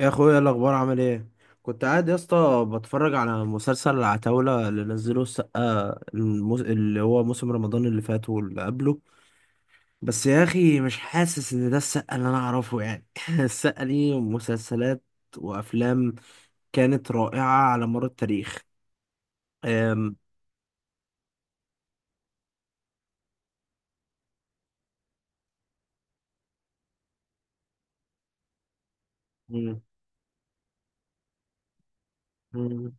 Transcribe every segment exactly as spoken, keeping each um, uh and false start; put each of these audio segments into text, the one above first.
يا اخويا، إيه الاخبار؟ عامل ايه؟ كنت قاعد يا اسطى بتفرج على مسلسل العتاولة اللي نزله السقا الموس... اللي هو موسم رمضان اللي فات واللي قبله. بس يا اخي، مش حاسس ان ده السقا اللي انا اعرفه يعني السقا ليه مسلسلات وافلام كانت رائعة على مر التاريخ. أم... مم، مم،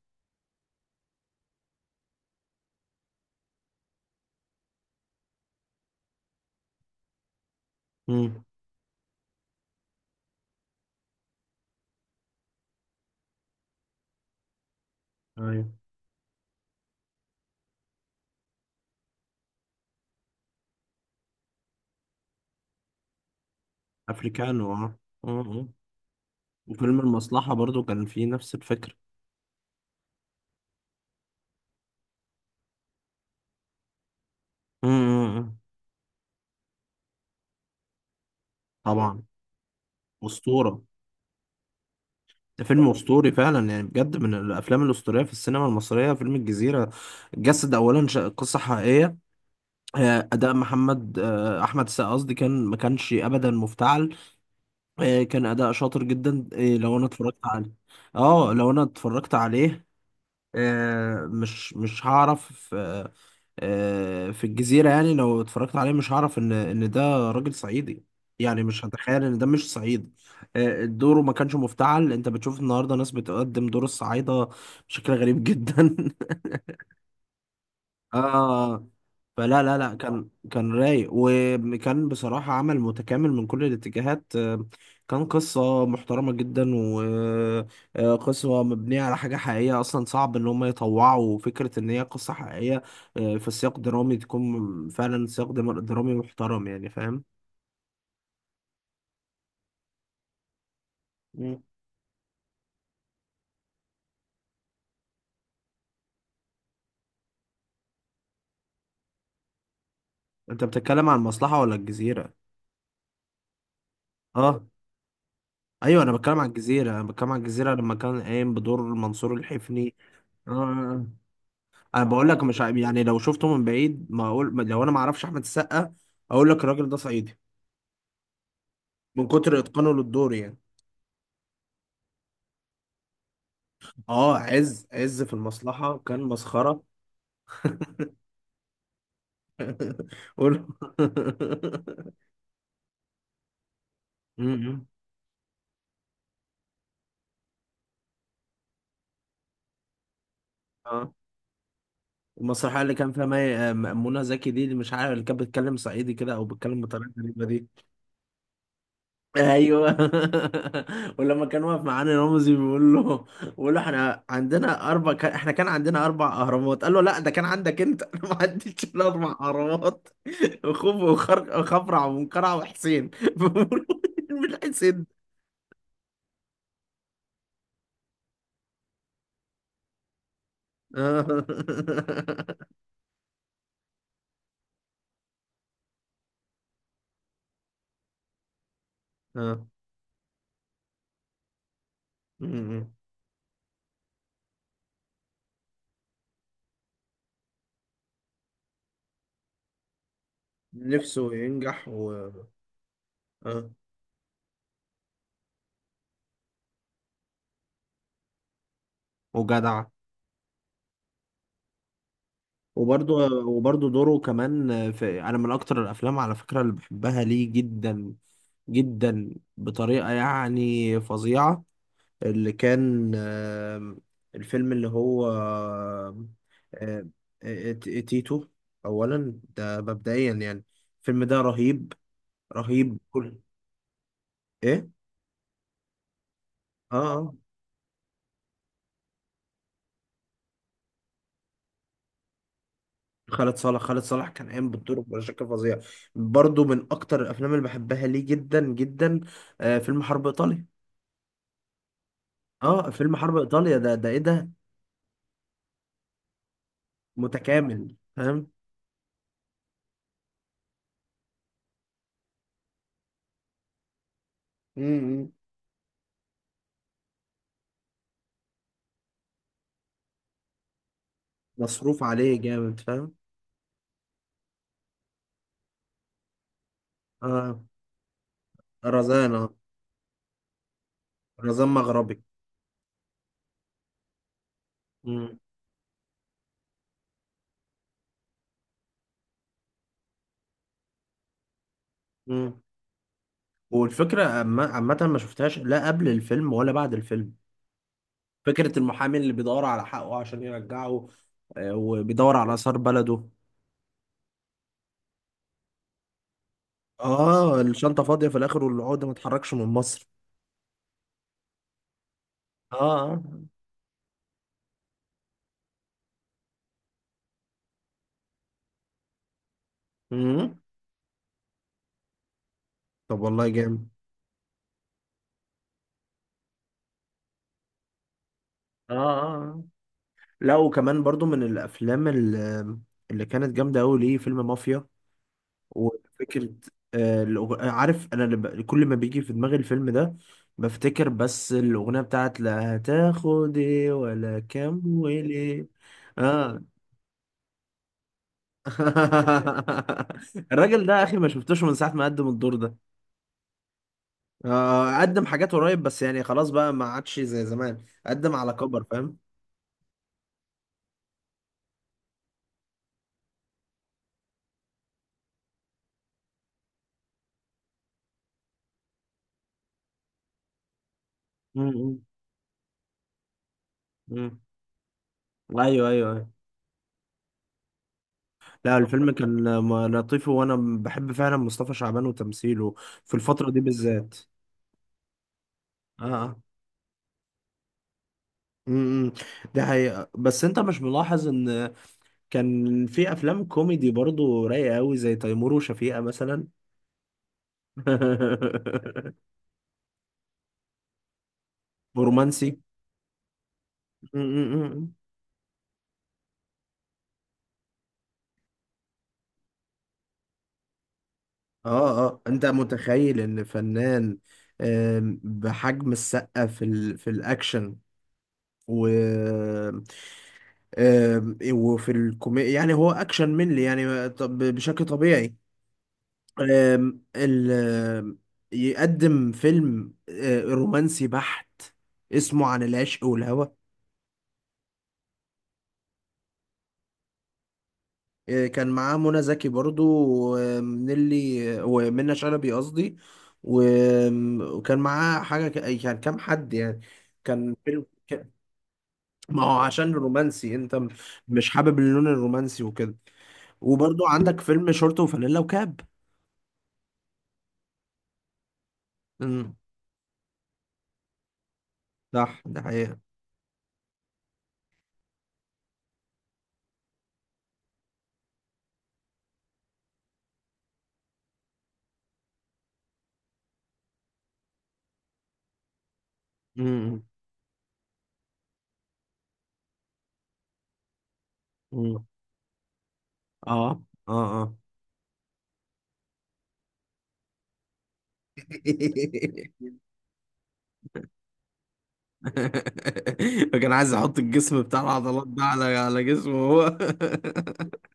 مم، ايوه. افريكانو، اه. آه، آه. وفيلم المصلحة برضو كان فيه نفس الفكرة. مم، مم، مم. طبعا. أسطورة. ده فيلم اسطوري فعلا يعني، بجد من الافلام الاسطوريه في السينما المصريه فيلم الجزيره. جسد اولا ش- قصه حقيقيه. آه، اداء محمد، آه، احمد السقا قصدي، كان ما كانش ابدا مفتعل. آه، كان اداء شاطر جدا. آه، لو انا اتفرجت عليه، اه، لو انا اتفرجت عليه، آه، مش مش هعرف آه، آه، في الجزيرة يعني، لو اتفرجت عليه مش هعرف ان ان ده راجل صعيدي، يعني مش هتخيل ان ده مش صعيدي. آه، دوره ما كانش مفتعل. انت بتشوف النهارده ناس بتقدم دور الصعايدة بشكل غريب جدا اه، فلا لا لا كان كان رايق، وكان بصراحة عمل متكامل من كل الاتجاهات، آه، كان قصة محترمة جدا، وقصة مبنية على حاجة حقيقية أصلا. صعب إن هم يطوعوا فكرة إن هي قصة حقيقية آه، في سياق درامي تكون فعلا سياق دم- درامي محترم، يعني فاهم؟ مم. أنت بتتكلم عن المصلحة ولا الجزيرة؟ اه، ايوه، انا بتكلم عن الجزيره انا بتكلم عن الجزيره لما كان قايم بدور منصور الحفني. اه، انا بقول لك مش ع- يعني لو شفته من بعيد ما اقول ما- لو انا ما اعرفش احمد السقا، اقول لك الراجل ده صعيدي، من كتر اتقانه للدور يعني. اه، عز عز في المصلحة كان مسخرة قول م-م. اه، المسرحية اللي كان فيها مي... آه، منى زكي دي، اللي مش عارف، اللي كانت بتتكلم صعيدي كده او بتتكلم بطريقة غريبة دي. ايوه ولما كان واقف معانا رمزي، بيقول له بيقول له احنا عندنا اربع كان احنا كان عندنا اربع اهرامات، قال له: لا، ده كان عندك انت انا ما عنديش الا اربع اهرامات خوف، وخر- وخفرع، ومنقرع، وحسين بيقول له: مين حسين؟ آه. آه. م-م. نفسه ينجح و... آه. وجدع. وبرضه. وبرضه دوره كمان في، انا من اكتر الافلام على فكره اللي بحبها ليه جدا جدا بطريقة يعني فظيعة. اللي كان آم، الفيلم اللي هو آم، آم، آه، تيتو. أولا ده مبدئيا يعني، الفيلم ده رهيب، رهيب كل... إيه؟ آه، آه. خالد صالح خالد صالح كان قايم بالدور بشكل فظيع. برضو من أكتر الأفلام اللي بحبها ليه جدا جدا. آه، فيلم حرب إيطاليا. آه، فيلم حرب إيطاليا ده ده إيه ده؟ متكامل، فاهم؟ م- م. مصروف عليه جامد، فاهم؟ آه. رزان، اه. رزان مغربي. مم. مم. والفكرة عامة، عامة ما شفتهاش لا قبل الفيلم ولا بعد الفيلم. فكرة المحامي اللي بيدور على حقه عشان يرجعه، آه، وبيدور على آثار بلده. اه، الشنطة فاضية في الآخر والعقدة ما اتحركش من مصر. اه، اه. مم. طب والله جامد. اه، آه، آه. لا، وكمان برضو من الأفلام اللي, اللي كانت جامدة أوي ليه، فيلم مافيا، وفكرة آه، الأغ- عارف، أنا لما- كل ما بيجي في دماغي الفيلم ده، بفتكر بس الأغنية بتاعت: لا هتاخد إيه ولا كام وليه. آه الراجل ده يا أخي، ما شفتوش من ساعة ما قدم الدور ده. آه، قدم حاجات قريب بس يعني خلاص بقى، ما عادش زي زمان. قدم على كبر، فاهم. مم، مم، مم. ايوه، ايوه، ايوه. لا، الفيلم كان آه، لطيف، وانا بحب فعلا مصطفى شعبان وتمثيله في الفترة دي بالذات. اه، امم ده حقيقة، بس انت مش ملاحظ ان كان في افلام كوميدي برضو رايقة قوي زي تيمور وشفيقة مثلا برومانسي. امم، اه، اه، انت متخيل ان فنان آم، بحجم السقا في ال... في الاكشن، و... آم، وفي الكوميديا، يعني هو اكشن منلي يعني طب بشكل طبيعي، آم، ال آم، يقدم فيلم آه، رومانسي بحت اسمه عن العشق والهوى. آه، كان معاه منى زكي برضو، ومنلي ومنى شلبي قصدي، و- وكان معاه حاجة ك- يعني كام حد يعني، كان فيلم ك- ما هو عشان رومانسي انت م- مش حابب اللون الرومانسي وكده. وبرضو عندك فيلم شورت وفانيلا وكاب. امم صح، ده حقيقة. امم. امم. اه، اه، اه. فكان عايز يحط الجسم بتاع العضلات ده على على جسمه هو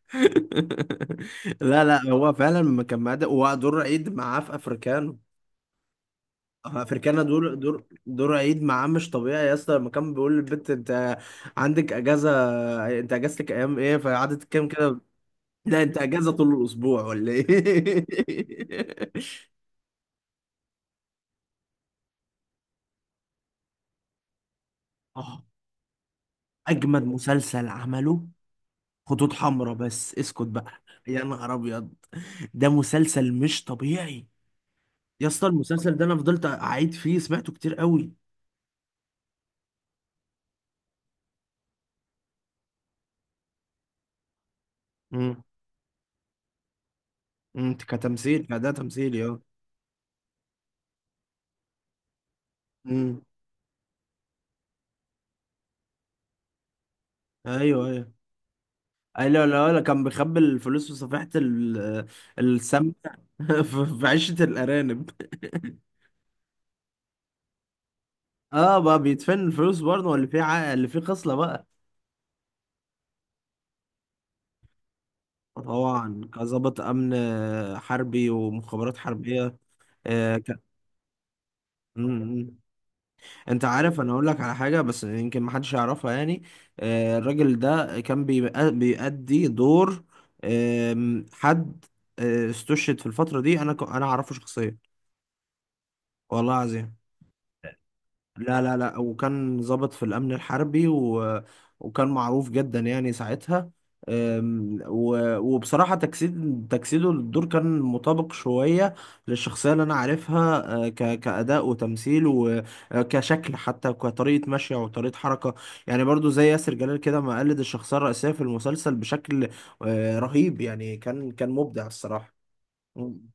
لا لا، هو فعلا ما كان معاه ده، ودور عيد معاه في افريكانو. افريكانا، دور دور دور عيد معاه مش طبيعي يا اسطى، لما كان بيقول للبنت: انت عندك اجازه، انت اجازتك ايام ايه، فقعدت تتكلم كده. لا، انت اجازه طول الاسبوع ولا ايه؟ آه، اجمد مسلسل عمله خطوط حمراء، بس اسكت بقى يا نهار ابيض، ده مسلسل مش طبيعي. يا اسطى، المسلسل ده انا فضلت اعيد فيه، سمعته كتير قوي. امم، انت كتمثيل كده تمثيل يا... امم ايوه، ايوه، ايوه. لا لا، كان بيخبي الفلوس في صفيحة ال- السمنة في في عشة الأرانب اه، بقى بيدفن الفلوس برضه، اللي فيه ع... اللي فيه خصلة بقى. طبعا كظابط أمن حربي، ومخابرات حربية. آه. ك... انت عارف، انا اقول لك على حاجه بس يمكن ما حدش يعرفها يعني. آه، الراجل ده كان بيبقى- بيأدي دور آم، حد آه، استشهد في الفتره دي، انا ك- انا اعرفه شخصيا. والله العظيم. لا لا لا، وكان ضابط في الأمن الحربي و... وكان معروف جدا يعني ساعتها. أم، و... وبصراحة، تجسيد تجسيده للدور كان مطابق شوية للشخصية اللي أنا عارفها، أه، ك... كأداء وتمثيل، وكشكل، حتى كطريقة مشي وطريقة حركة. يعني برضو زي ياسر جلال كده، ما قلد الشخصية الرئيسية في المسلسل بشكل أه، رهيب، يعني كان كان مبدع الصراحة. مم.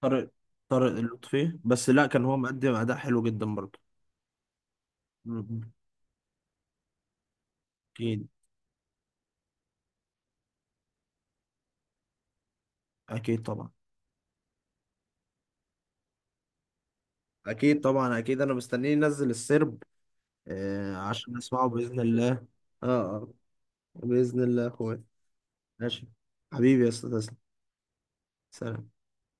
طارق، طارق لطفي بس، لا كان هو مقدم أداء حلو جدا برضو. مم. أكيد. اكيد طبعا، اكيد طبعا، اكيد، انا مستنيه ينزل السرب، آه، عشان اسمعه باذن الله. اه، اه. باذن الله يا اخويا. ماشي. حبيبي يا استاذ، تسلم. سلام.